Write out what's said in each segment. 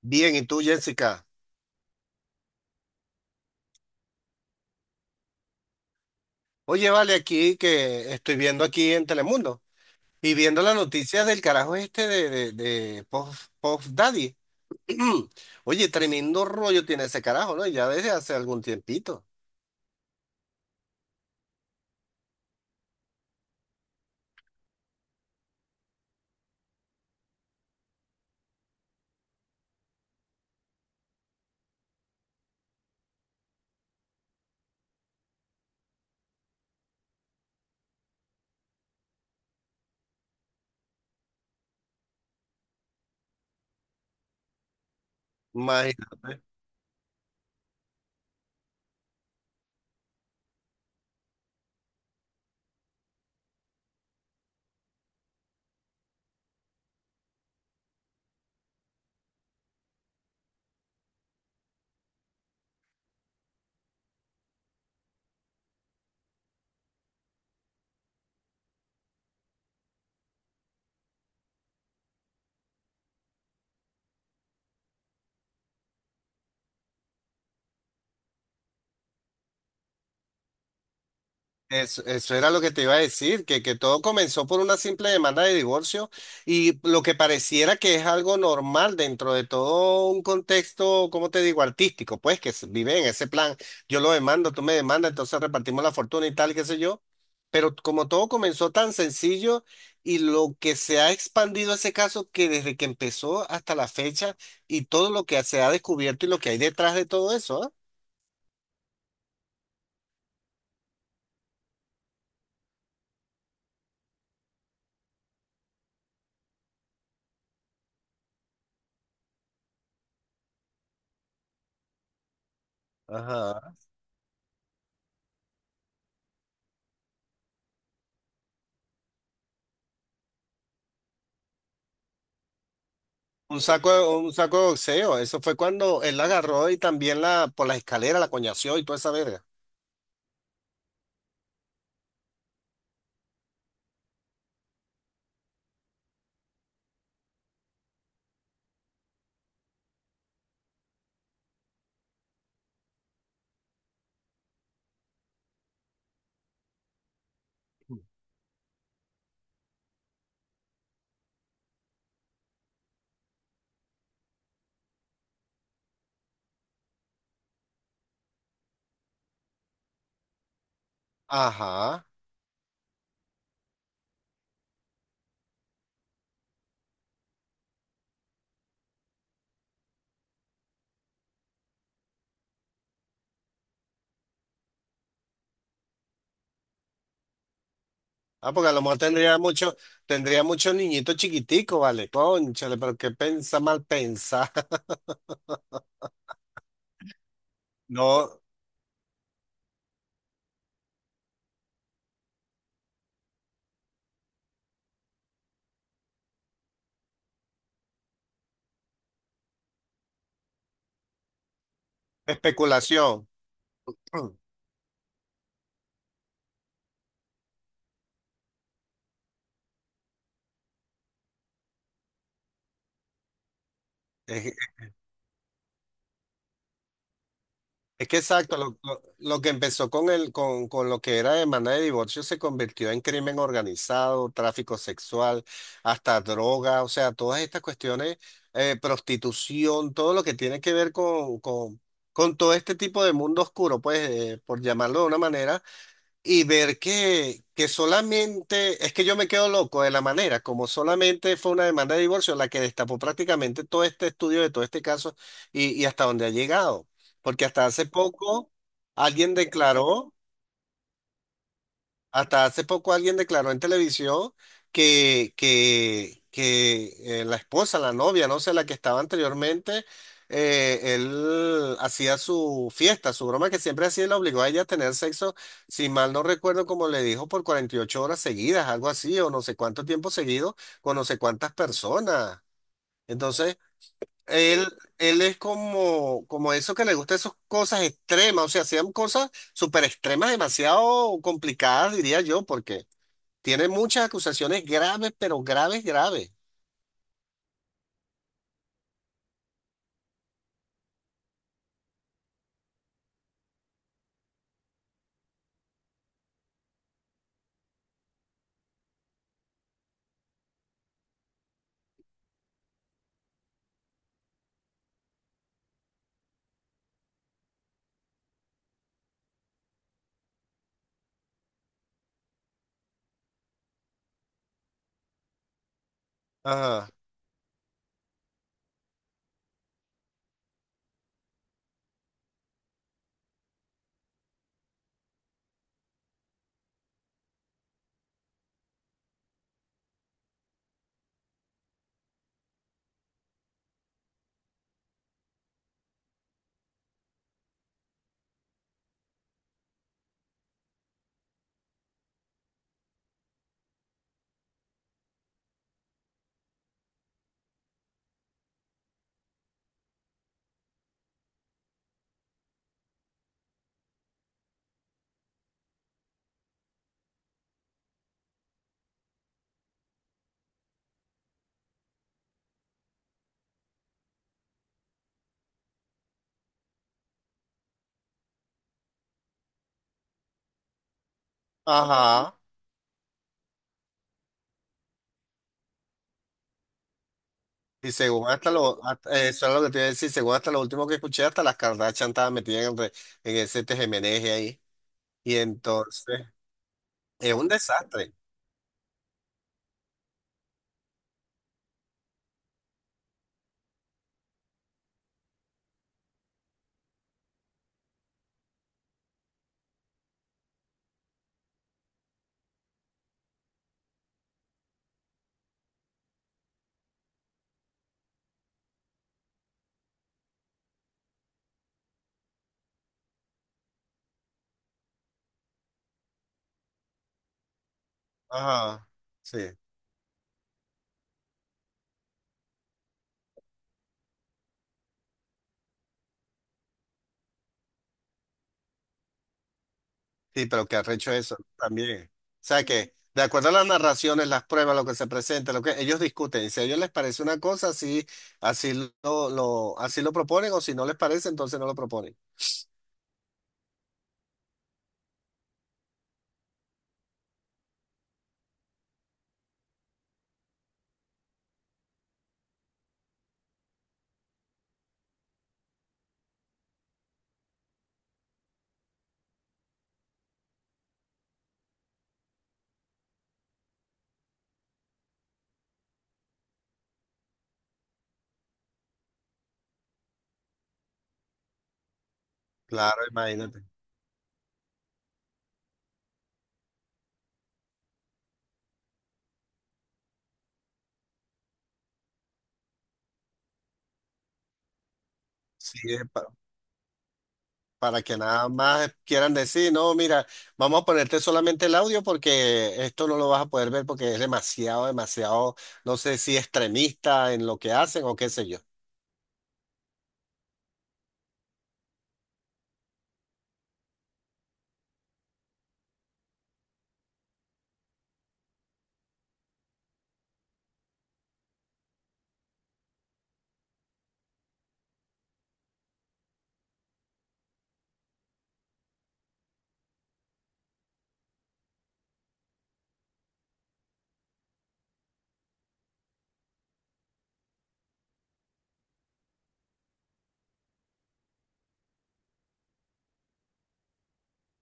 Bien, ¿y tú, Jessica? Oye, vale, aquí que estoy viendo aquí en Telemundo y viendo las noticias del carajo este de Puff, Puff Daddy. Oye, tremendo rollo tiene ese carajo, ¿no? Ya desde hace algún tiempito. Eso era lo que te iba a decir, que todo comenzó por una simple demanda de divorcio y lo que pareciera que es algo normal dentro de todo un contexto, como te digo, artístico, pues que se vive en ese plan. Yo lo demando, tú me demandas, entonces repartimos la fortuna y tal, qué sé yo, pero como todo comenzó tan sencillo y lo que se ha expandido ese caso, que desde que empezó hasta la fecha y todo lo que se ha descubierto y lo que hay detrás de todo eso, ¿ah? Ajá. Un saco, un saco de boxeo. Eso fue cuando él la agarró y también la por las escaleras la coñació y toda esa verga. Ajá. Ah, porque a lo mejor tendría mucho, tendría muchos niñitos chiquiticos, vale. Cónchale, pero qué pensa mal pensa. No, especulación. Es, Es que exacto, lo que empezó con el, con lo que era demanda de divorcio, se convirtió en crimen organizado, tráfico sexual, hasta droga, o sea, todas estas cuestiones, prostitución, todo lo que tiene que ver con todo este tipo de mundo oscuro, pues, por llamarlo de una manera, y ver que solamente, es que yo me quedo loco de la manera como solamente fue una demanda de divorcio la que destapó prácticamente todo este estudio de todo este caso y hasta dónde ha llegado. Porque hasta hace poco alguien declaró Hasta hace poco alguien declaró en televisión que la esposa, la novia, no sé, la que estaba anteriormente, él hacía su fiesta, su broma que siempre hacía, y la obligó a ella a tener sexo, si mal no recuerdo, como le dijo, por 48 horas seguidas, algo así, o no sé cuánto tiempo seguido, con no sé cuántas personas. Entonces, él, él es como, como eso que le gusta esas cosas extremas, o sea, hacían cosas súper extremas, demasiado complicadas, diría yo, porque tiene muchas acusaciones graves, pero graves, graves. Ajá, ajá. Y según hasta lo, eso es lo que te iba a decir, según hasta lo último que escuché, hasta las Kardashian estaban metidas en, en ese tejemeneje ahí. Y entonces, es un desastre. Ajá, sí, sí, pero que arrecho eso también. O sea que, de acuerdo a las narraciones, las pruebas, lo que se presenta, lo que ellos discuten, si a ellos les parece una cosa, así, así así lo proponen, o si no les parece, entonces no lo proponen. Claro, imagínate. Sí, es para que nada más quieran decir, no, mira, vamos a ponerte solamente el audio porque esto no lo vas a poder ver porque es demasiado, demasiado, no sé si extremista en lo que hacen o qué sé yo.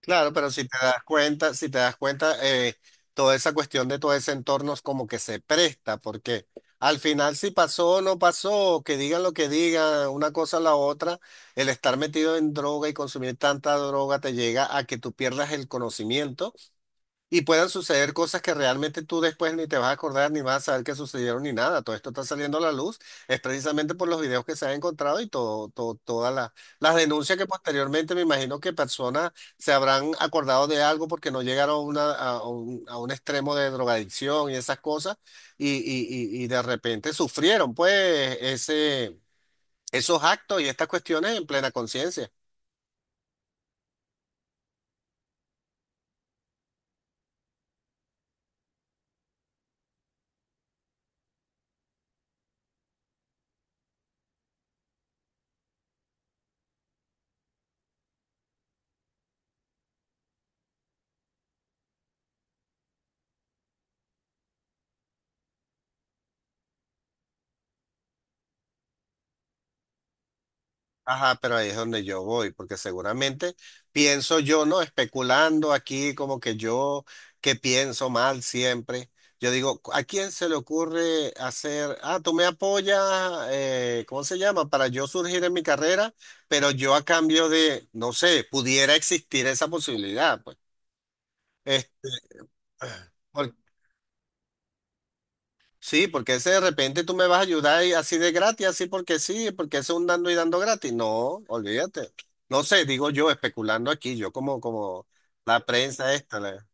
Claro, pero si te das cuenta, si te das cuenta, toda esa cuestión de todo ese entorno es como que se presta, porque al final si pasó o no pasó, que digan lo que digan, una cosa o la otra, el estar metido en droga y consumir tanta droga te llega a que tú pierdas el conocimiento, y puedan suceder cosas que realmente tú después ni te vas a acordar, ni vas a saber que sucedieron, ni nada. Todo esto está saliendo a la luz, es precisamente por los videos que se han encontrado y todo, todas las denuncias que posteriormente, me imagino que personas se habrán acordado de algo porque no llegaron a, a un extremo de drogadicción y esas cosas, y de repente sufrieron, pues, ese, esos actos y estas cuestiones en plena conciencia. Ajá, pero ahí es donde yo voy, porque seguramente, pienso yo, ¿no? Especulando aquí, como que yo, que pienso mal siempre. Yo digo, ¿a quién se le ocurre hacer, ah, tú me apoyas, ¿cómo se llama? Para yo surgir en mi carrera, pero yo a cambio de, no sé, pudiera existir esa posibilidad, pues. Es- Sí, porque ese de repente tú me vas a ayudar y así de gratis, así porque sí, porque eso es un dando y dando gratis. No, olvídate. No sé, digo yo, especulando aquí, yo como, como la prensa esta. La-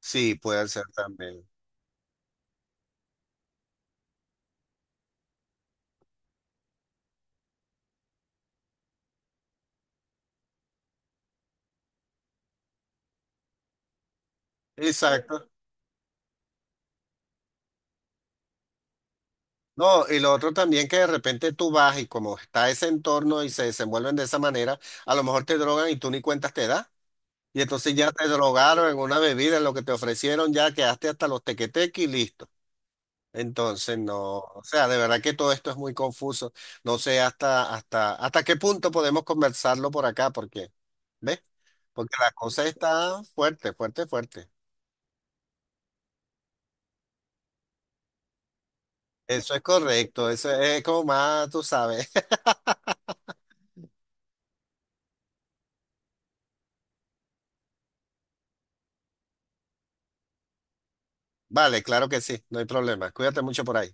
Sí, puede ser también. Exacto. No, y lo otro también, que de repente tú vas y como está ese entorno y se desenvuelven de esa manera, a lo mejor te drogan y tú ni cuentas te das. Y entonces ya te drogaron en una bebida, en lo que te ofrecieron, ya quedaste hasta los tequeteques y listo. Entonces, no, o sea, de verdad que todo esto es muy confuso. No sé hasta, hasta, hasta qué punto podemos conversarlo por acá, porque, ¿ves? Porque la cosa está fuerte, fuerte, fuerte. Eso es correcto, eso es como más, tú sabes. Vale, claro que sí, no hay problema. Cuídate mucho por ahí.